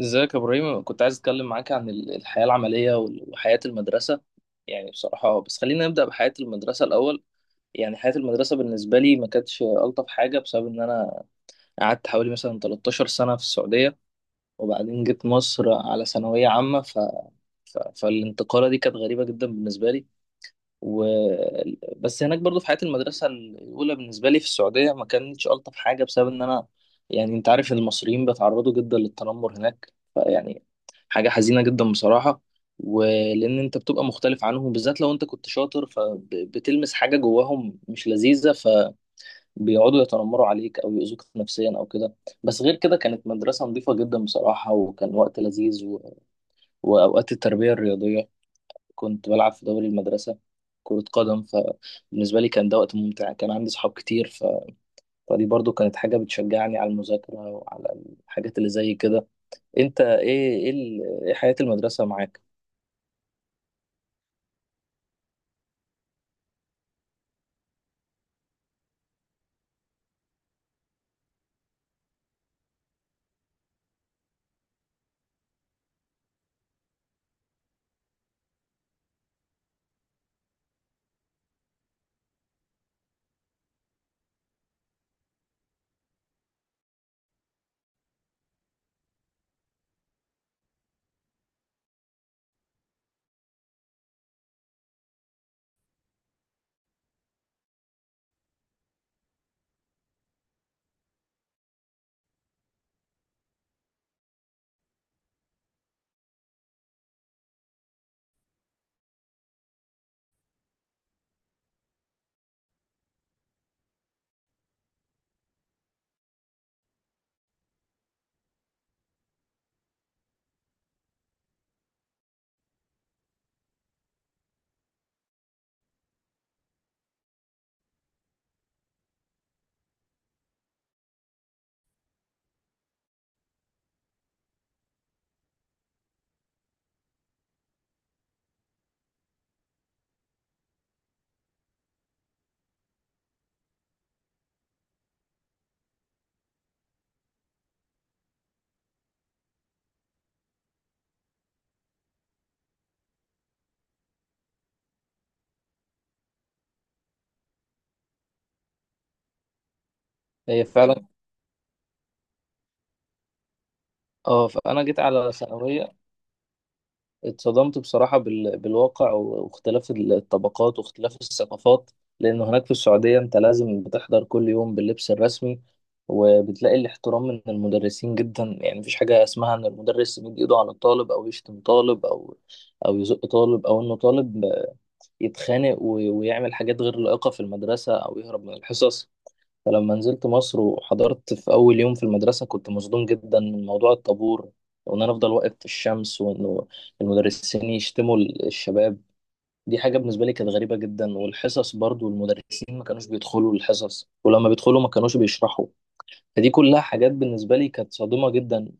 ازيك يا ابراهيم؟ كنت عايز اتكلم معاك عن الحياة العملية وحياة المدرسة يعني بصراحة. بس خلينا نبدأ بحياة المدرسة الأول. يعني حياة المدرسة بالنسبة لي ما كانتش ألطف حاجة، بسبب إن أنا قعدت حوالي مثلا 13 سنة في السعودية، وبعدين جيت مصر على ثانوية عامة، فالانتقالة دي كانت غريبة جدا بالنسبة لي. و... بس هناك برضو في حياة المدرسة الأولى بالنسبة لي في السعودية ما كانتش ألطف حاجة بسبب إن أنا، يعني أنت عارف المصريين بيتعرضوا جدا للتنمر هناك، فيعني حاجة حزينة جدا بصراحة. ولأن أنت بتبقى مختلف عنهم، بالذات لو أنت كنت شاطر، فبتلمس حاجة جواهم مش لذيذة، فبيقعدوا يتنمروا عليك أو يؤذوك نفسيا أو كده. بس غير كده كانت مدرسة نظيفة جدا بصراحة، وكان وقت لذيذ. وأوقات التربية الرياضية كنت بلعب في دوري المدرسة كرة قدم، فبالنسبة لي كان ده وقت ممتع، كان عندي صحاب كتير. فدي برضو كانت حاجة بتشجعني على المذاكرة وعلى الحاجات اللي زي كده. انت إيه حياة المدرسة معاك؟ هي فعلا. اه، فانا جيت على ثانوية، اتصدمت بصراحة بالواقع واختلاف الطبقات واختلاف الثقافات. لأنه هناك في السعودية أنت لازم بتحضر كل يوم باللبس الرسمي، وبتلاقي الاحترام من المدرسين جدا، يعني مفيش حاجة اسمها إن المدرس يمد إيده على الطالب، أو يشتم طالب، أو يزق طالب، أو إنه طالب يتخانق ويعمل حاجات غير لائقة في المدرسة، أو يهرب من الحصص. فلما نزلت مصر وحضرت في أول يوم في المدرسة كنت مصدوم جدا من موضوع الطابور، وإن أنا أفضل واقف في الشمس، وإنه المدرسين يشتموا الشباب. دي حاجة بالنسبة لي كانت غريبة جدا. والحصص برضو المدرسين ما كانوش بيدخلوا الحصص، ولما بيدخلوا ما كانوش بيشرحوا. فدي كلها حاجات بالنسبة لي كانت صادمة جدا.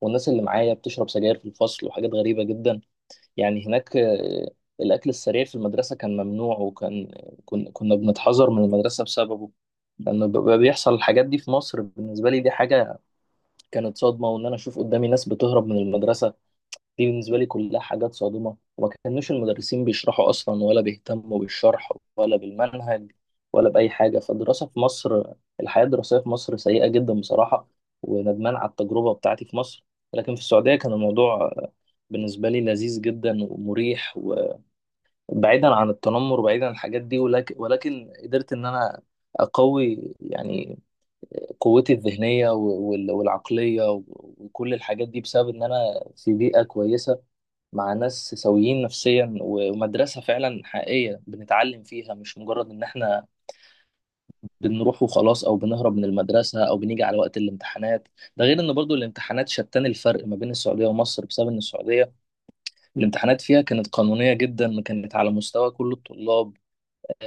والناس اللي معايا بتشرب سجاير في الفصل، وحاجات غريبة جدا. يعني هناك الأكل السريع في المدرسة كان ممنوع، وكان كنا بنتحذر من المدرسة بسببه، لأنه بيبقى بيحصل الحاجات دي في مصر. بالنسبة لي دي حاجة كانت صدمة، وإن أنا أشوف قدامي ناس بتهرب من المدرسة، دي بالنسبة لي كلها حاجات صادمة. وما كانوش المدرسين بيشرحوا أصلا، ولا بيهتموا بالشرح ولا بالمنهج ولا بأي حاجة. فالدراسة في مصر، الحياة الدراسية في مصر سيئة جدا بصراحة، وندمان على التجربة بتاعتي في مصر. لكن في السعودية كان الموضوع بالنسبة لي لذيذ جدا ومريح، وبعيدا عن التنمر وبعيدا عن الحاجات دي. ولكن قدرت إن أنا أقوي، يعني قوتي الذهنية والعقلية، وكل الحاجات دي بسبب إن أنا في بيئة كويسة مع ناس سويين نفسيا، ومدرسة فعلا حقيقية بنتعلم فيها، مش مجرد إن إحنا بنروح وخلاص، أو بنهرب من المدرسة، أو بنيجي على وقت الامتحانات. ده غير إن برضو الامتحانات شتان الفرق ما بين السعودية ومصر، بسبب إن السعودية الامتحانات فيها كانت قانونية جدا، كانت على مستوى كل الطلاب،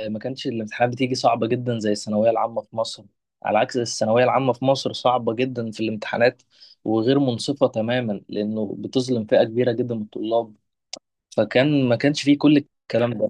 ما كانتش الامتحانات بتيجي صعبة جدا زي الثانوية العامة في مصر. على عكس الثانوية العامة في مصر صعبة جدا في الامتحانات، وغير منصفة تماما، لأنه بتظلم فئة كبيرة جدا من الطلاب. فكان ما كانش فيه كل الكلام ده.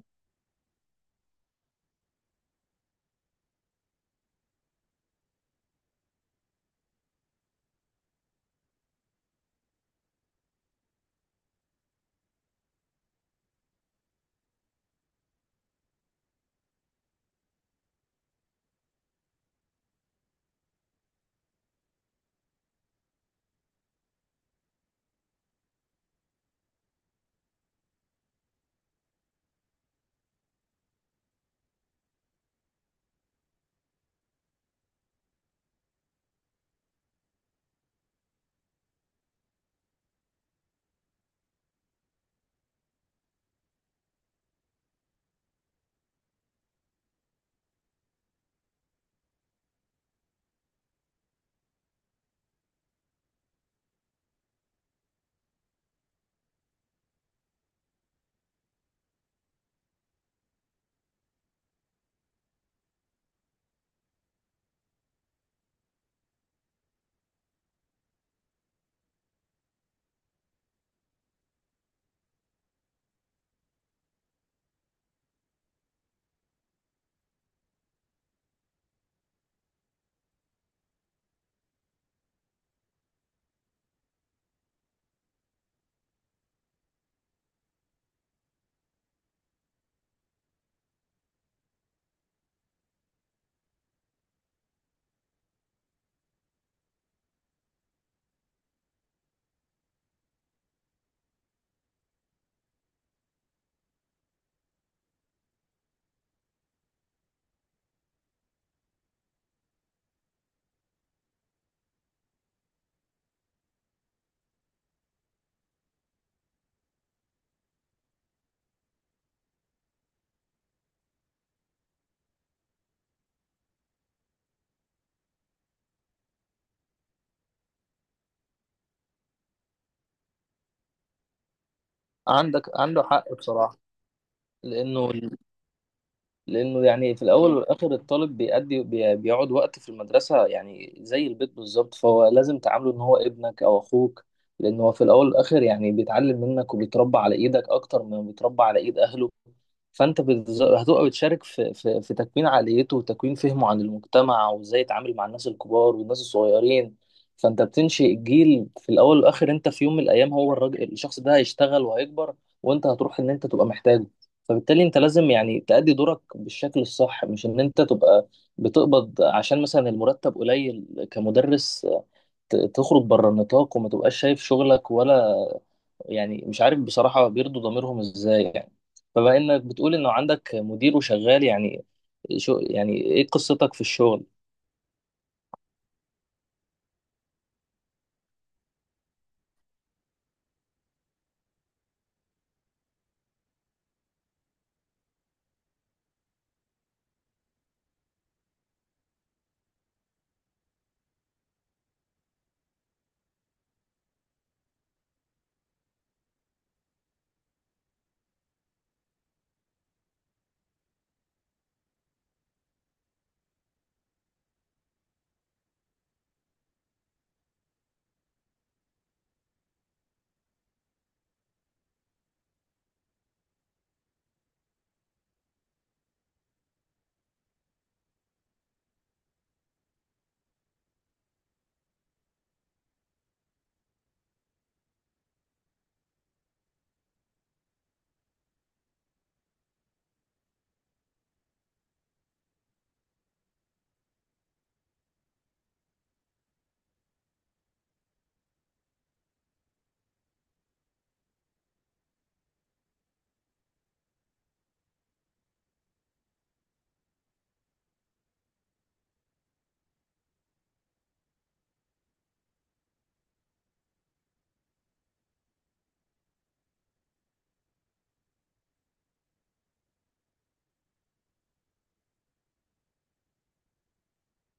عندك عنده حق بصراحة. لأنه يعني في الأول والآخر الطالب بيأدي بيقعد وقت في المدرسة، يعني زي البيت بالظبط، فهو لازم تعامله إن هو ابنك أو أخوك. لأنه هو في الأول والآخر يعني بيتعلم منك، وبيتربى على إيدك أكتر ما بيتربى على إيد أهله. فانت هتبقى بتشارك في تكوين عقليته، وتكوين فهمه عن المجتمع، وازاي يتعامل مع الناس الكبار والناس الصغيرين. فانت بتنشئ جيل، في الاول والاخر انت في يوم من الايام هو الراجل، الشخص ده هيشتغل وهيكبر، وانت هتروح ان انت تبقى محتاجه. فبالتالي انت لازم يعني تأدي دورك بالشكل الصح، مش ان انت تبقى بتقبض، عشان مثلا المرتب قليل كمدرس، تخرج بره النطاق، وما تبقاش شايف شغلك ولا، يعني مش عارف بصراحة بيرضوا ضميرهم ازاي يعني. فبما انك بتقول انه عندك مدير وشغال، يعني شو يعني ايه قصتك في الشغل؟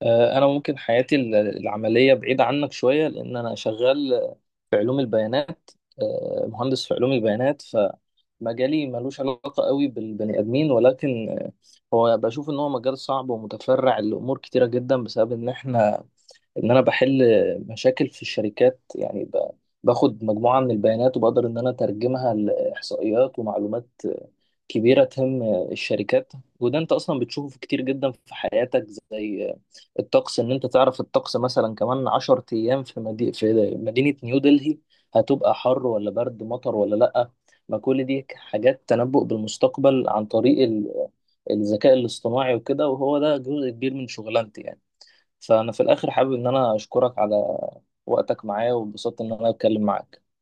انا ممكن حياتي العملية بعيدة عنك شوية، لان انا شغال في علوم البيانات. مهندس في علوم البيانات. فمجالي ملوش علاقة قوي بالبني ادمين، ولكن هو بشوف ان هو مجال صعب ومتفرع لامور كتيرة جدا، بسبب ان احنا، ان انا بحل مشاكل في الشركات، يعني باخد مجموعة من البيانات، وبقدر ان انا اترجمها لاحصائيات ومعلومات كبيرة تهم الشركات. وده انت اصلا بتشوفه في كتير جدا في حياتك، زي الطقس، ان انت تعرف الطقس مثلا كمان 10 ايام في في مدينة نيو دلهي هتبقى حر ولا برد، مطر ولا لأ. ما كل دي حاجات تنبؤ بالمستقبل عن طريق الذكاء الاصطناعي وكده، وهو ده جزء كبير من شغلانتي يعني. فأنا في الآخر حابب إن أنا أشكرك على وقتك معايا، واتبسطت إن أنا أتكلم معاك.